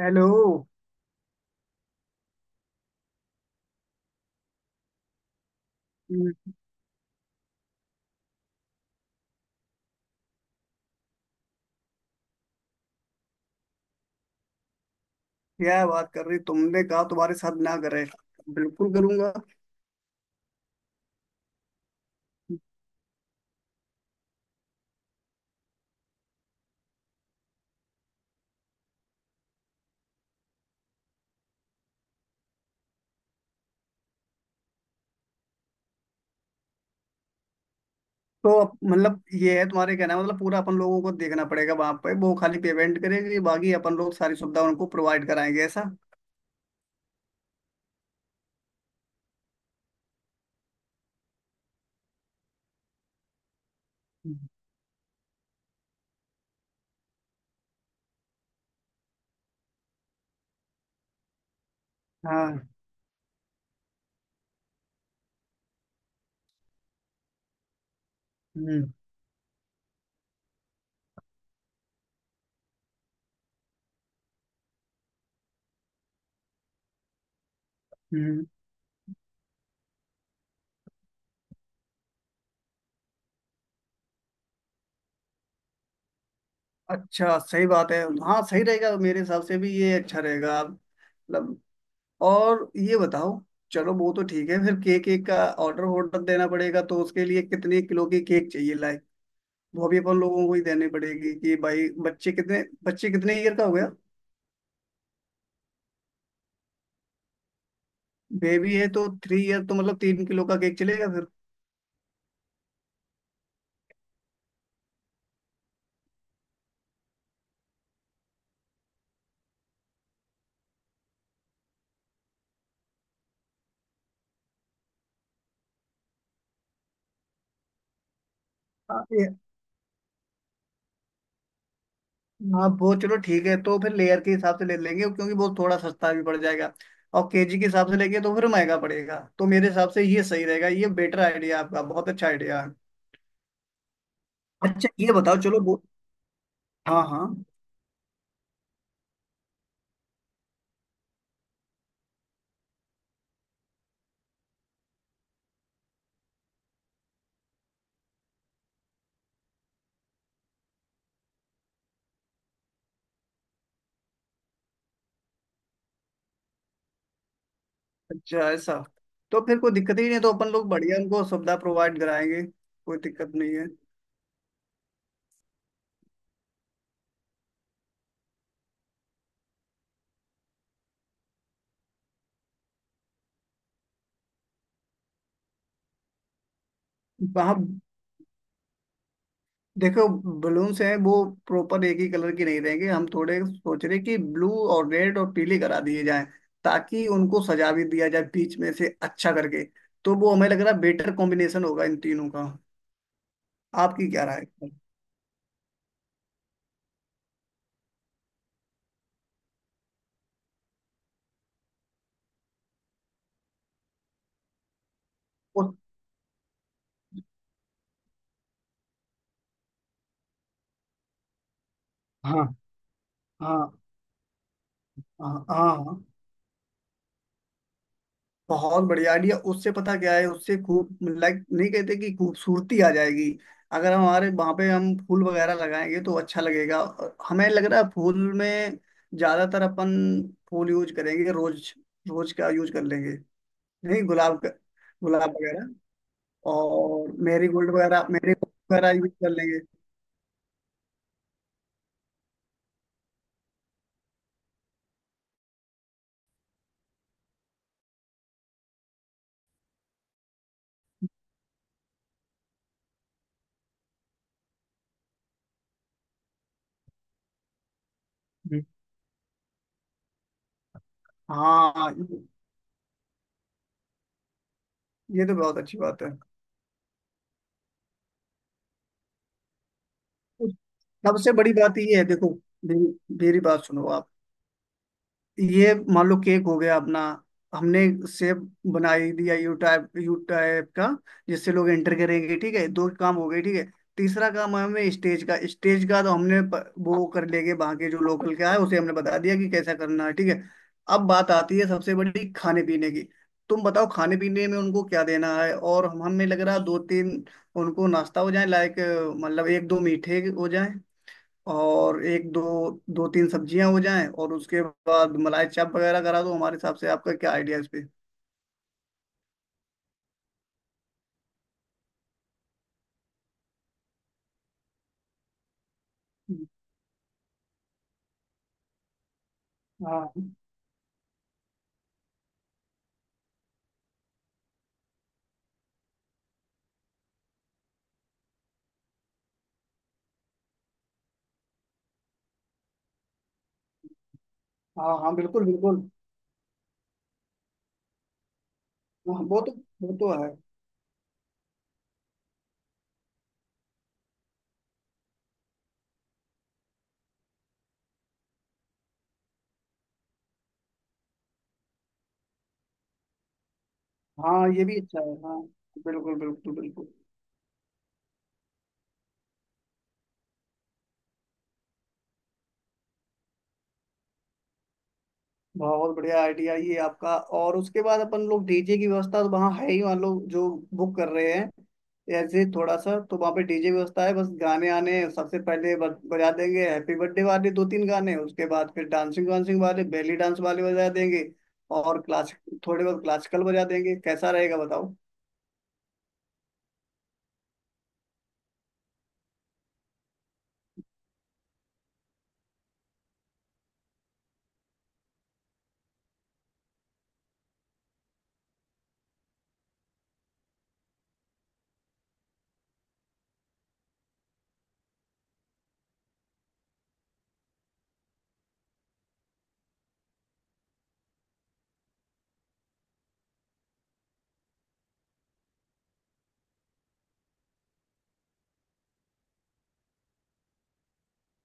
Hello. हम्म, क्या बात कर रही तुमने कहा तुम्हारे साथ ना करे। बिल्कुल करूंगा। तो अब मतलब ये है तुम्हारे कहना मतलब पूरा अपन लोगों को देखना पड़ेगा वहां पे वो खाली पेमेंट करेगी बाकी अपन लोग सारी सुविधा उनको प्रोवाइड कराएंगे ऐसा। हाँ। हम्म। हम्म। अच्छा सही बात है। हाँ सही रहेगा मेरे हिसाब से भी ये अच्छा रहेगा। मतलब और ये बताओ। चलो वो तो ठीक है। फिर केक केक का ऑर्डर ऑर्डर देना पड़ेगा तो उसके लिए कितने किलो की केक चाहिए लाए? वो भी अपन लोगों को ही देनी पड़ेगी कि भाई बच्चे कितने ईयर का हो गया। बेबी है तो 3 ईयर तो मतलब 3 किलो का केक चलेगा फिर। हाँ हाँ, वो चलो ठीक है तो फिर लेयर के हिसाब से ले लेंगे क्योंकि वो थोड़ा सस्ता भी पड़ जाएगा। और केजी के हिसाब से लेंगे तो फिर महंगा पड़ेगा तो मेरे हिसाब से ये सही रहेगा। ये बेटर आइडिया आपका। बहुत अच्छा आइडिया है। अच्छा ये बताओ चलो वो। हाँ हाँ। अच्छा ऐसा। तो फिर कोई दिक्कत ही नहीं है तो अपन लोग बढ़िया उनको सुविधा प्रोवाइड कराएंगे। कोई दिक्कत नहीं है। वहाँ देखो बलून्स हैं वो प्रॉपर एक ही कलर की नहीं रहेंगे। हम थोड़े सोच रहे कि ब्लू और रेड और पीली करा दिए जाएं ताकि उनको सजा भी दिया जाए बीच में से अच्छा करके। तो वो हमें लग रहा है बेटर कॉम्बिनेशन होगा इन तीनों का। आपकी क्या राय है? और- हाँ हाँ हाँ हाँ हाँ। बहुत बढ़िया आइडिया। उससे पता क्या है उससे खूब लाइक नहीं कहते कि खूबसूरती आ जाएगी। अगर हम हमारे वहां पे हम फूल वगैरह लगाएंगे तो अच्छा लगेगा। और हमें लग रहा है फूल में ज्यादातर अपन फूल यूज करेंगे। रोज रोज का यूज कर लेंगे। नहीं गुलाब का। गुलाब वगैरह और मेरी गोल्ड वगैरह मेरी वगैरह यूज कर लेंगे। हम्म। हाँ ये तो बहुत अच्छी बात है। सबसे बड़ी बात ये है देखो मेरी मेरी बात सुनो आप। ये मान लो केक हो गया अपना। हमने सेब बना ही दिया यू टाइप का जिससे लोग एंटर करेंगे। ठीक है दो काम हो गए ठीक है। तीसरा काम है हमें स्टेज का तो हमने वो कर लेंगे वहाँ के जो लोकल क्या है उसे हमने बता दिया कि कैसा करना है ठीक है। अब बात आती है सबसे बड़ी खाने पीने की। तुम बताओ खाने पीने में उनको क्या देना है और हम हमें लग रहा है दो तीन उनको नाश्ता हो जाए लाइक। मतलब एक दो मीठे हो जाए, और एक दो दो तीन सब्जियां हो जाएं और उसके बाद मलाई चाप वगैरह करा दो। हमारे हिसाब से आपका क्या आइडिया है इस पे? हाँ हाँ हाँ बिल्कुल बिल्कुल। हाँ, वो तो है। हाँ ये भी अच्छा है हाँ। बिल्कुल बिल्कुल बिल्कुल। बहुत बढ़िया आइडिया ये आपका। और उसके बाद अपन लोग डीजे की व्यवस्था तो वहाँ है ही मान लो जो बुक कर रहे हैं। ऐसे थोड़ा सा तो वहाँ पे डीजे व्यवस्था है। बस गाने आने सबसे पहले बजा देंगे हैप्पी बर्थडे वाले दो तीन गाने। उसके बाद फिर डांसिंग वांसिंग वाले बेली डांस वाले बजा देंगे। और क्लासिक थोड़े बहुत क्लासिकल बजा देंगे। कैसा रहेगा बताओ?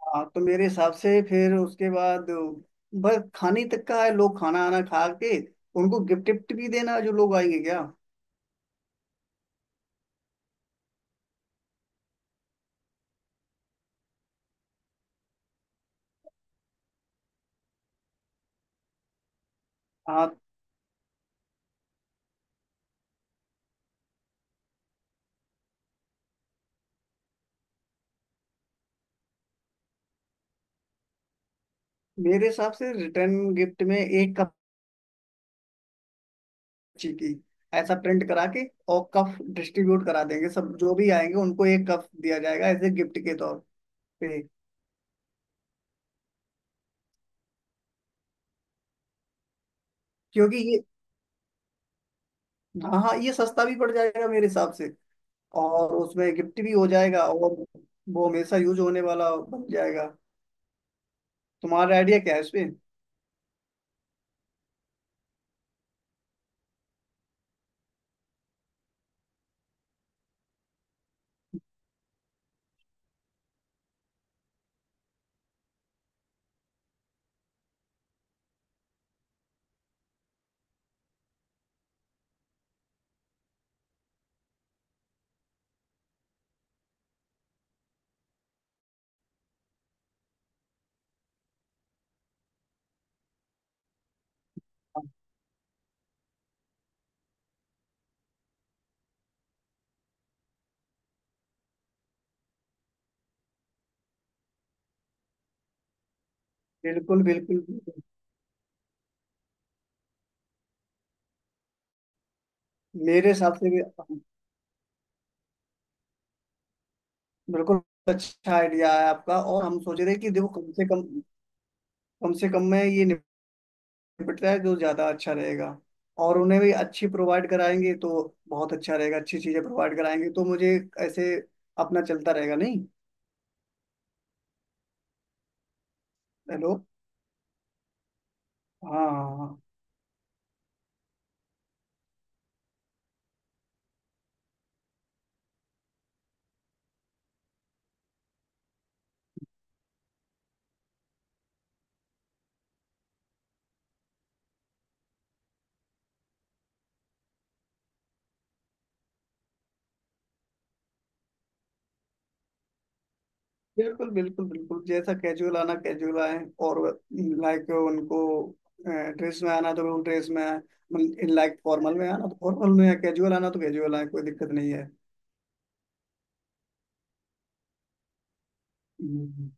हाँ तो मेरे हिसाब से फिर उसके बाद बस खाने तक का है। लोग खाना आना खा के उनको गिफ्ट विफ्ट भी देना है जो लोग आएंगे क्या? हाँ। मेरे हिसाब से रिटर्न गिफ्ट में एक कप ची की ऐसा प्रिंट करा के और कप डिस्ट्रीब्यूट करा देंगे। सब जो भी आएंगे उनको एक कप दिया जाएगा एज ए गिफ्ट के तौर पे। क्योंकि ये हाँ हाँ ये सस्ता भी पड़ जाएगा मेरे हिसाब से। और उसमें गिफ्ट भी हो जाएगा और वो हमेशा यूज होने वाला बन जाएगा। तुम्हारा आइडिया क्या है इस पे? बिल्कुल बिल्कुल बिल्कुल। मेरे हिसाब से भी बिल्कुल। अच्छा आइडिया है आपका। और हम सोच रहे हैं कि देखो कम से कम में ये निपटता है जो ज्यादा अच्छा रहेगा। और उन्हें भी अच्छी प्रोवाइड कराएंगे तो बहुत अच्छा रहेगा। अच्छी चीजें प्रोवाइड कराएंगे तो मुझे ऐसे अपना चलता रहेगा नहीं। हेलो। हाँ हाँ हाँ। बिल्कुल बिल्कुल बिल्कुल जैसा कैजुअल आना कैजुअल आए। और लाइक उनको ड्रेस में आना तो बिल्कुल ड्रेस में आए। लाइक फॉर्मल में आना तो फॉर्मल में आए। कैजुअल आना तो कैजुअल आए। कोई दिक्कत नहीं है। हम्म।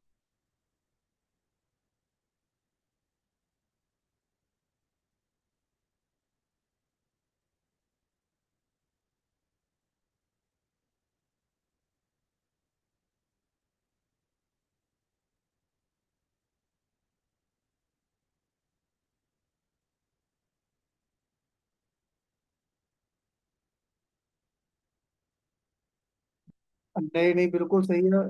नहीं नहीं बिल्कुल सही है।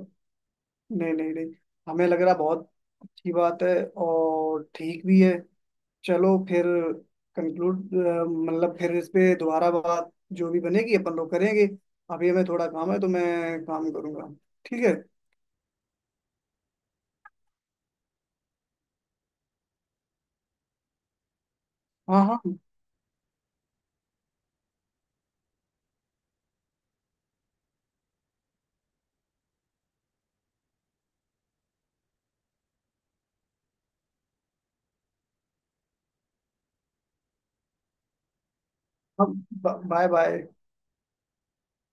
नहीं नहीं नहीं। हमें लग रहा बहुत अच्छी बात है और ठीक भी है। चलो फिर कंक्लूड मतलब फिर इस पे दोबारा बात जो भी बनेगी अपन लोग करेंगे। अभी हमें थोड़ा काम है तो मैं काम करूंगा। ठीक है। हाँ हाँ। Bye bye.